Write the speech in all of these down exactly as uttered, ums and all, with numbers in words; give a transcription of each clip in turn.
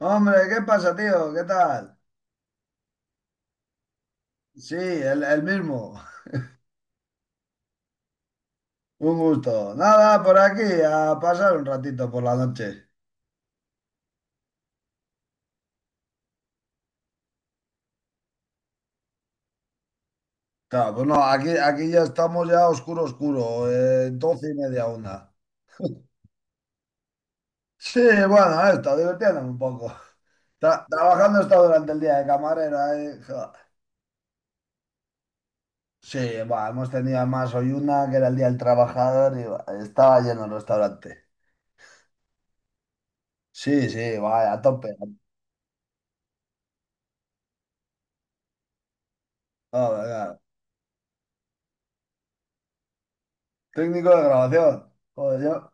Hombre, ¿qué pasa, tío? ¿Qué tal? Sí, el, el mismo. Un gusto. Nada, por aquí, a pasar un ratito por la noche. Claro, pues no, aquí, aquí ya estamos ya oscuro, oscuro, eh, doce y media una. Sí, bueno, esto, divirtiéndome un poco. Tra- trabajando esto durante el día de camarera. Eh, joder. Sí, bueno, hemos tenido además hoy una que era el día del trabajador y buah, estaba lleno el restaurante. Sí, sí, vaya, a tope. Joder, claro. Técnico de grabación. Joder, yo,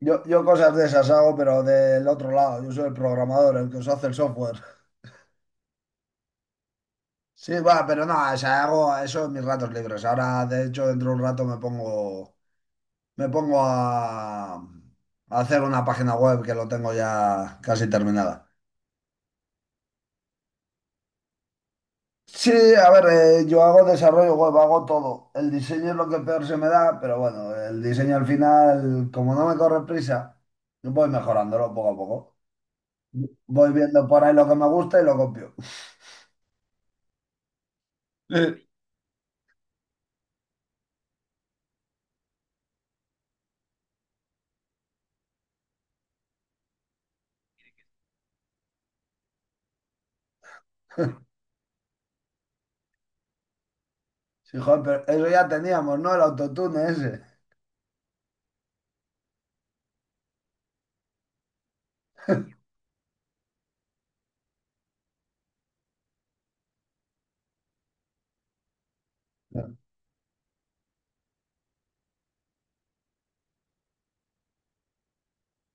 Yo, yo cosas de esas hago, pero del otro lado. Yo soy el programador, el que os hace el software. Sí, va, pero no, o sea, hago eso en mis ratos libres. Ahora, de hecho, dentro de un rato me pongo, me pongo a, a, hacer una página web que lo tengo ya casi terminada. Sí, a ver, eh, yo hago desarrollo web, hago todo. El diseño es lo que peor se me da, pero bueno, el diseño al final, como no me corre prisa, voy mejorándolo poco a poco. Voy viendo por ahí lo que me gusta y lo copio. Sí, joder, pero eso ya teníamos, ¿no? El autotune ese.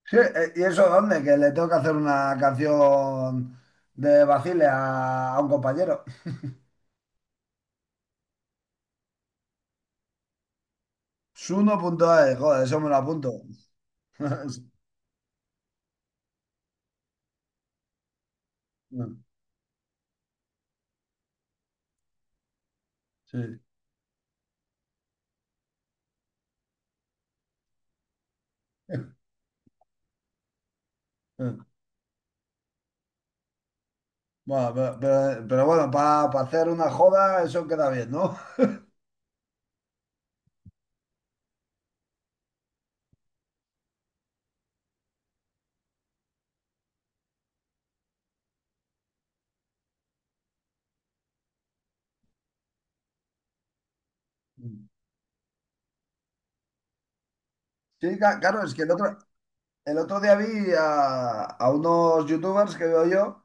Sí, eh, ¿y eso dónde? Que le tengo que hacer una canción de Basile a, a, un compañero. Suno.es, joder, eso me lo apunto. Sí. Bueno, pero, pero- pero bueno, para hacer una joda eso queda bien, ¿no? Sí, ca- claro, es que el otro, el otro, día vi a, a unos youtubers que veo yo.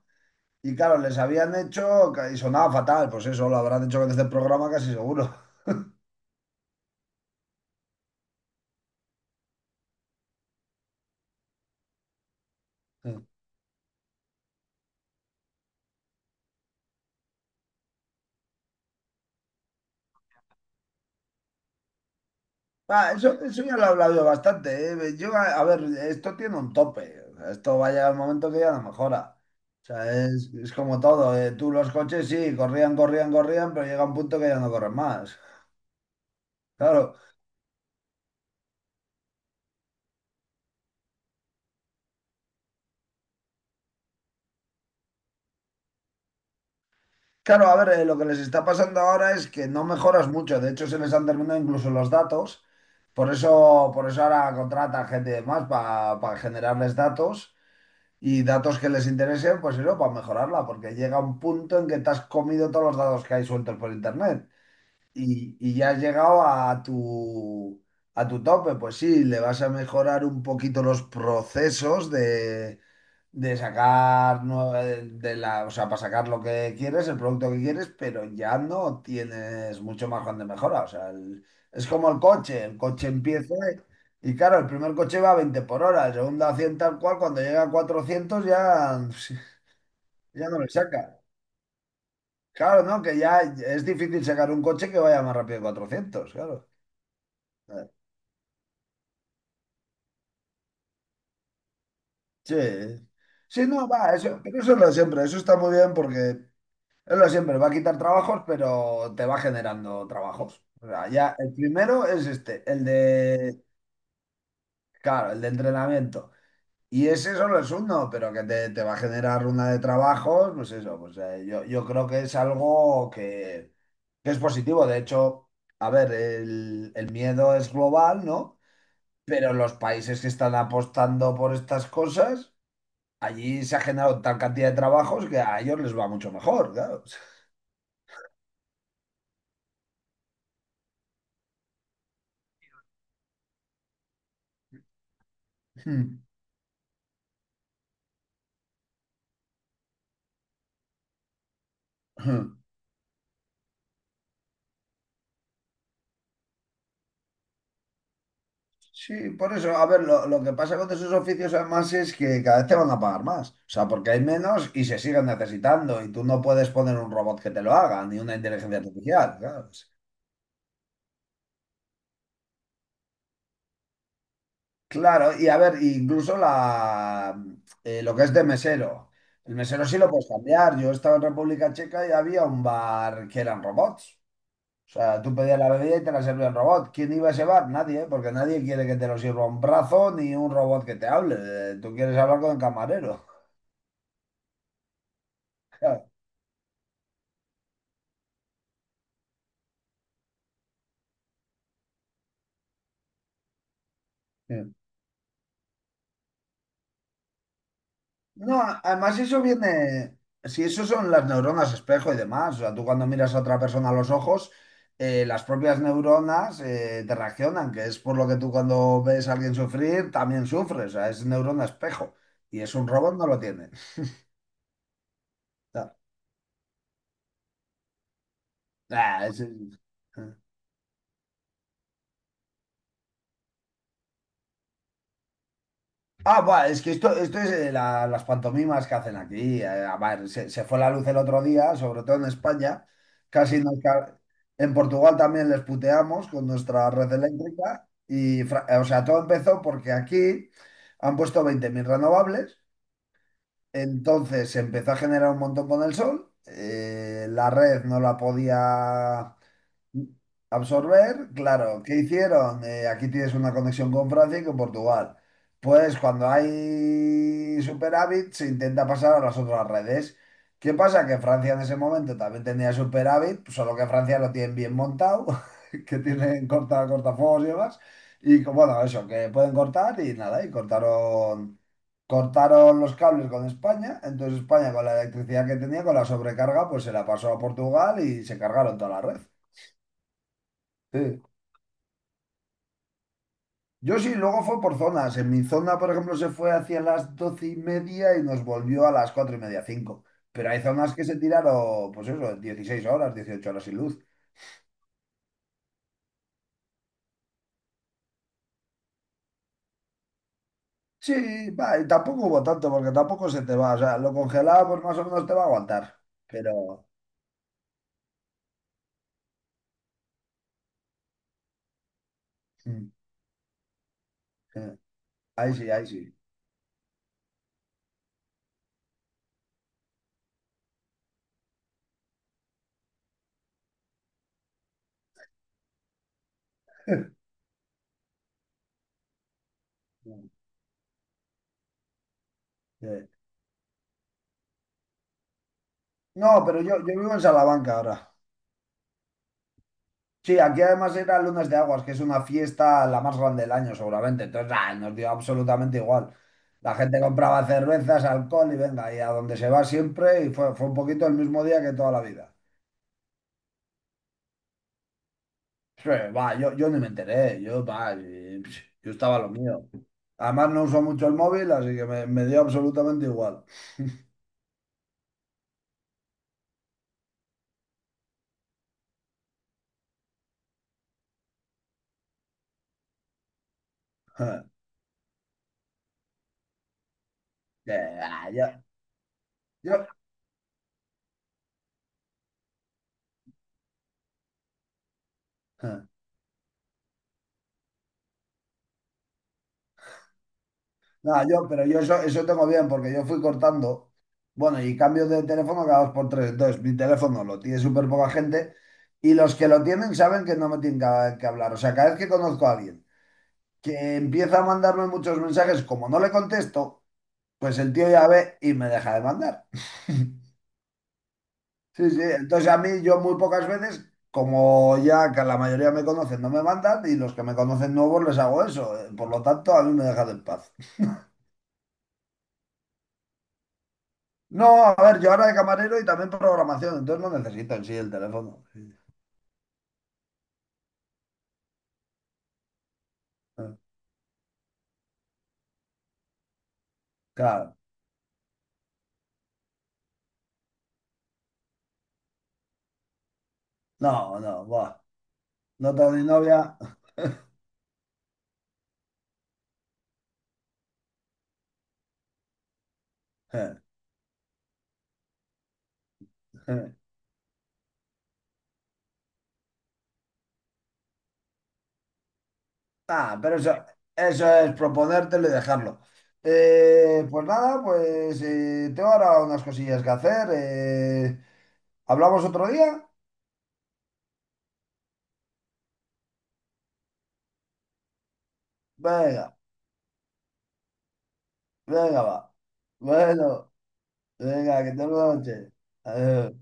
Y claro, les habían hecho, y sonaba fatal, pues eso lo habrán hecho desde el programa casi seguro. Ah, eso, eso ya lo he hablado yo bastante, ¿eh? Yo, a, a ver, esto tiene un tope. O sea, esto va a llegar un momento que ya no mejora. O sea, es, es como todo. ¿Eh? Tú los coches sí, corrían, corrían, corrían, pero llega un punto que ya no corren más. Claro, claro, a ver, eh, lo que les está pasando ahora es que no mejoras mucho. De hecho, se les han terminado incluso los datos. Por eso, por eso ahora contratan gente y demás para generarles datos y datos que les interesen, pues eso, para mejorarla, porque llega un punto en que te has comido todos los datos que hay sueltos por internet y, y ya has llegado a tu, a tu, tope, pues sí, le vas a mejorar un poquito los procesos de, de sacar nue- eh, de la, o sea, para sacar lo que quieres, el producto que quieres, pero ya no tienes mucho margen de mejora. O sea, el- es como el coche, el coche empieza y claro, el primer coche va a veinte por hora, el segundo a cien tal cual, cuando llega a cuatrocientos ya, ya no le saca. Claro, ¿no? Que ya es difícil sacar un coche que vaya más rápido que cuatrocientos, claro. Sí, sí, no, va, eso, pero eso es lo de siempre, eso está muy bien porque es lo de siempre, va a quitar trabajos, pero te va generando trabajos. O sea, ya el primero es este, el de, claro, el de entrenamiento. Y ese solo es uno, pero que te, te va a generar una de trabajos, pues eso, pues eh, yo, yo creo que es algo que, que es positivo. De hecho, a ver, el, el miedo es global, ¿no? Pero los países que están apostando por estas cosas allí se ha generado tal cantidad de trabajos que a ellos les va mucho mejor, claro. Sí, por eso, a ver, lo, lo que pasa con esos oficios además es que cada vez te van a pagar más, o sea, porque hay menos y se siguen necesitando y tú no puedes poner un robot que te lo haga, ni una inteligencia artificial, claro. Claro, y a ver, incluso la, eh, lo que es de mesero, el mesero sí lo puedes cambiar, yo estaba en República Checa y había un bar que eran robots. O sea, tú pedías la bebida y te la servía el robot. ¿Quién iba a llevar? Nadie, ¿eh? Porque nadie quiere que te lo sirva un brazo ni un robot que te hable. Eh, Tú quieres hablar con el camarero. Claro. No, a- además eso viene, si eso son las neuronas espejo y demás, o sea, tú cuando miras a otra persona a los ojos, eh, las propias neuronas eh, te reaccionan, que es por lo que tú cuando ves a alguien sufrir también sufres, o sea, es neurona espejo y es un robot no lo tiene. ah, es- Ah, buah, es que esto, esto, es eh, la- las pantomimas que hacen aquí. Eh, a ver, se, se fue la luz el otro día, sobre todo en España. Casi nos ca- En Portugal también les puteamos con nuestra red eléctrica. Y, Fra- eh, o sea, todo empezó porque aquí han puesto veinte mil renovables. Entonces se empezó a generar un montón con el sol. Eh, la red no la podía absorber, claro. ¿Qué hicieron? Eh, aquí tienes una conexión con Francia y con Portugal. Pues cuando hay superávit se intenta pasar a las otras redes. ¿Qué pasa? Que Francia en ese momento también tenía superávit, solo que Francia lo tienen bien montado, que tienen corta, cortafuegos y demás. Y co- bueno, eso, que pueden cortar y nada, y cortaron, cortaron, los cables con España. Entonces España con la electricidad que tenía, con la sobrecarga, pues se la pasó a Portugal y se cargaron toda la red. Sí. Yo sí, luego fue por zonas. En mi zona, por ejemplo, se fue hacia las doce y media y nos volvió a las cuatro y media, cinco. Pero hay zonas que se tiraron, pues eso, dieciséis horas, dieciocho horas sin luz. Sí, va, y tampoco hubo tanto, porque tampoco se te va. O sea, lo congelado, pues más o menos te va a aguantar. Pero mm, eh, ahí sí, ahí sí. Eh, No, pero yo, yo, vivo en Salamanca ahora. Sí, aquí además era Lunes de Aguas, que es una fiesta la más grande del año, seguramente. Entonces, ah, nos dio absolutamente igual. La gente compraba cervezas, alcohol y venga, y a donde se va siempre, y fue, fue, un poquito el mismo día que toda la vida. Sí, va, yo, yo ni me enteré, yo, va, y, psh, yo estaba lo mío. Además no uso mucho el móvil, así que me, me, dio absolutamente igual. Que, ah, Yo, yo, No, yo, pero yo eso, eso tengo bien, porque yo fui cortando, bueno, y cambio de teléfono cada dos por tres, entonces mi teléfono lo tiene súper poca gente, y los que lo tienen saben que no me tienen que, que hablar, o sea, cada vez que conozco a alguien que empieza a mandarme muchos mensajes, como no le contesto, pues el tío ya ve y me deja de mandar. Sí, sí, entonces a mí yo muy pocas veces, como ya que la mayoría me conocen, no me mandan y los que me conocen nuevos les hago eso. eh, Por lo tanto, a mí me dejan en paz. No, a ver, yo ahora de camarero y también programación, entonces no necesito en sí el teléfono. Sí. eh, Claro, no, no, buah, no tengo ni novia. Ah, pero eso, eso, es proponértelo y dejarlo. Eh, pues nada, pues eh, tengo ahora unas cosillas que hacer. Eh, ¿hablamos otro día? Venga, venga, va. Bueno, venga, que tengas una noche. Adiós.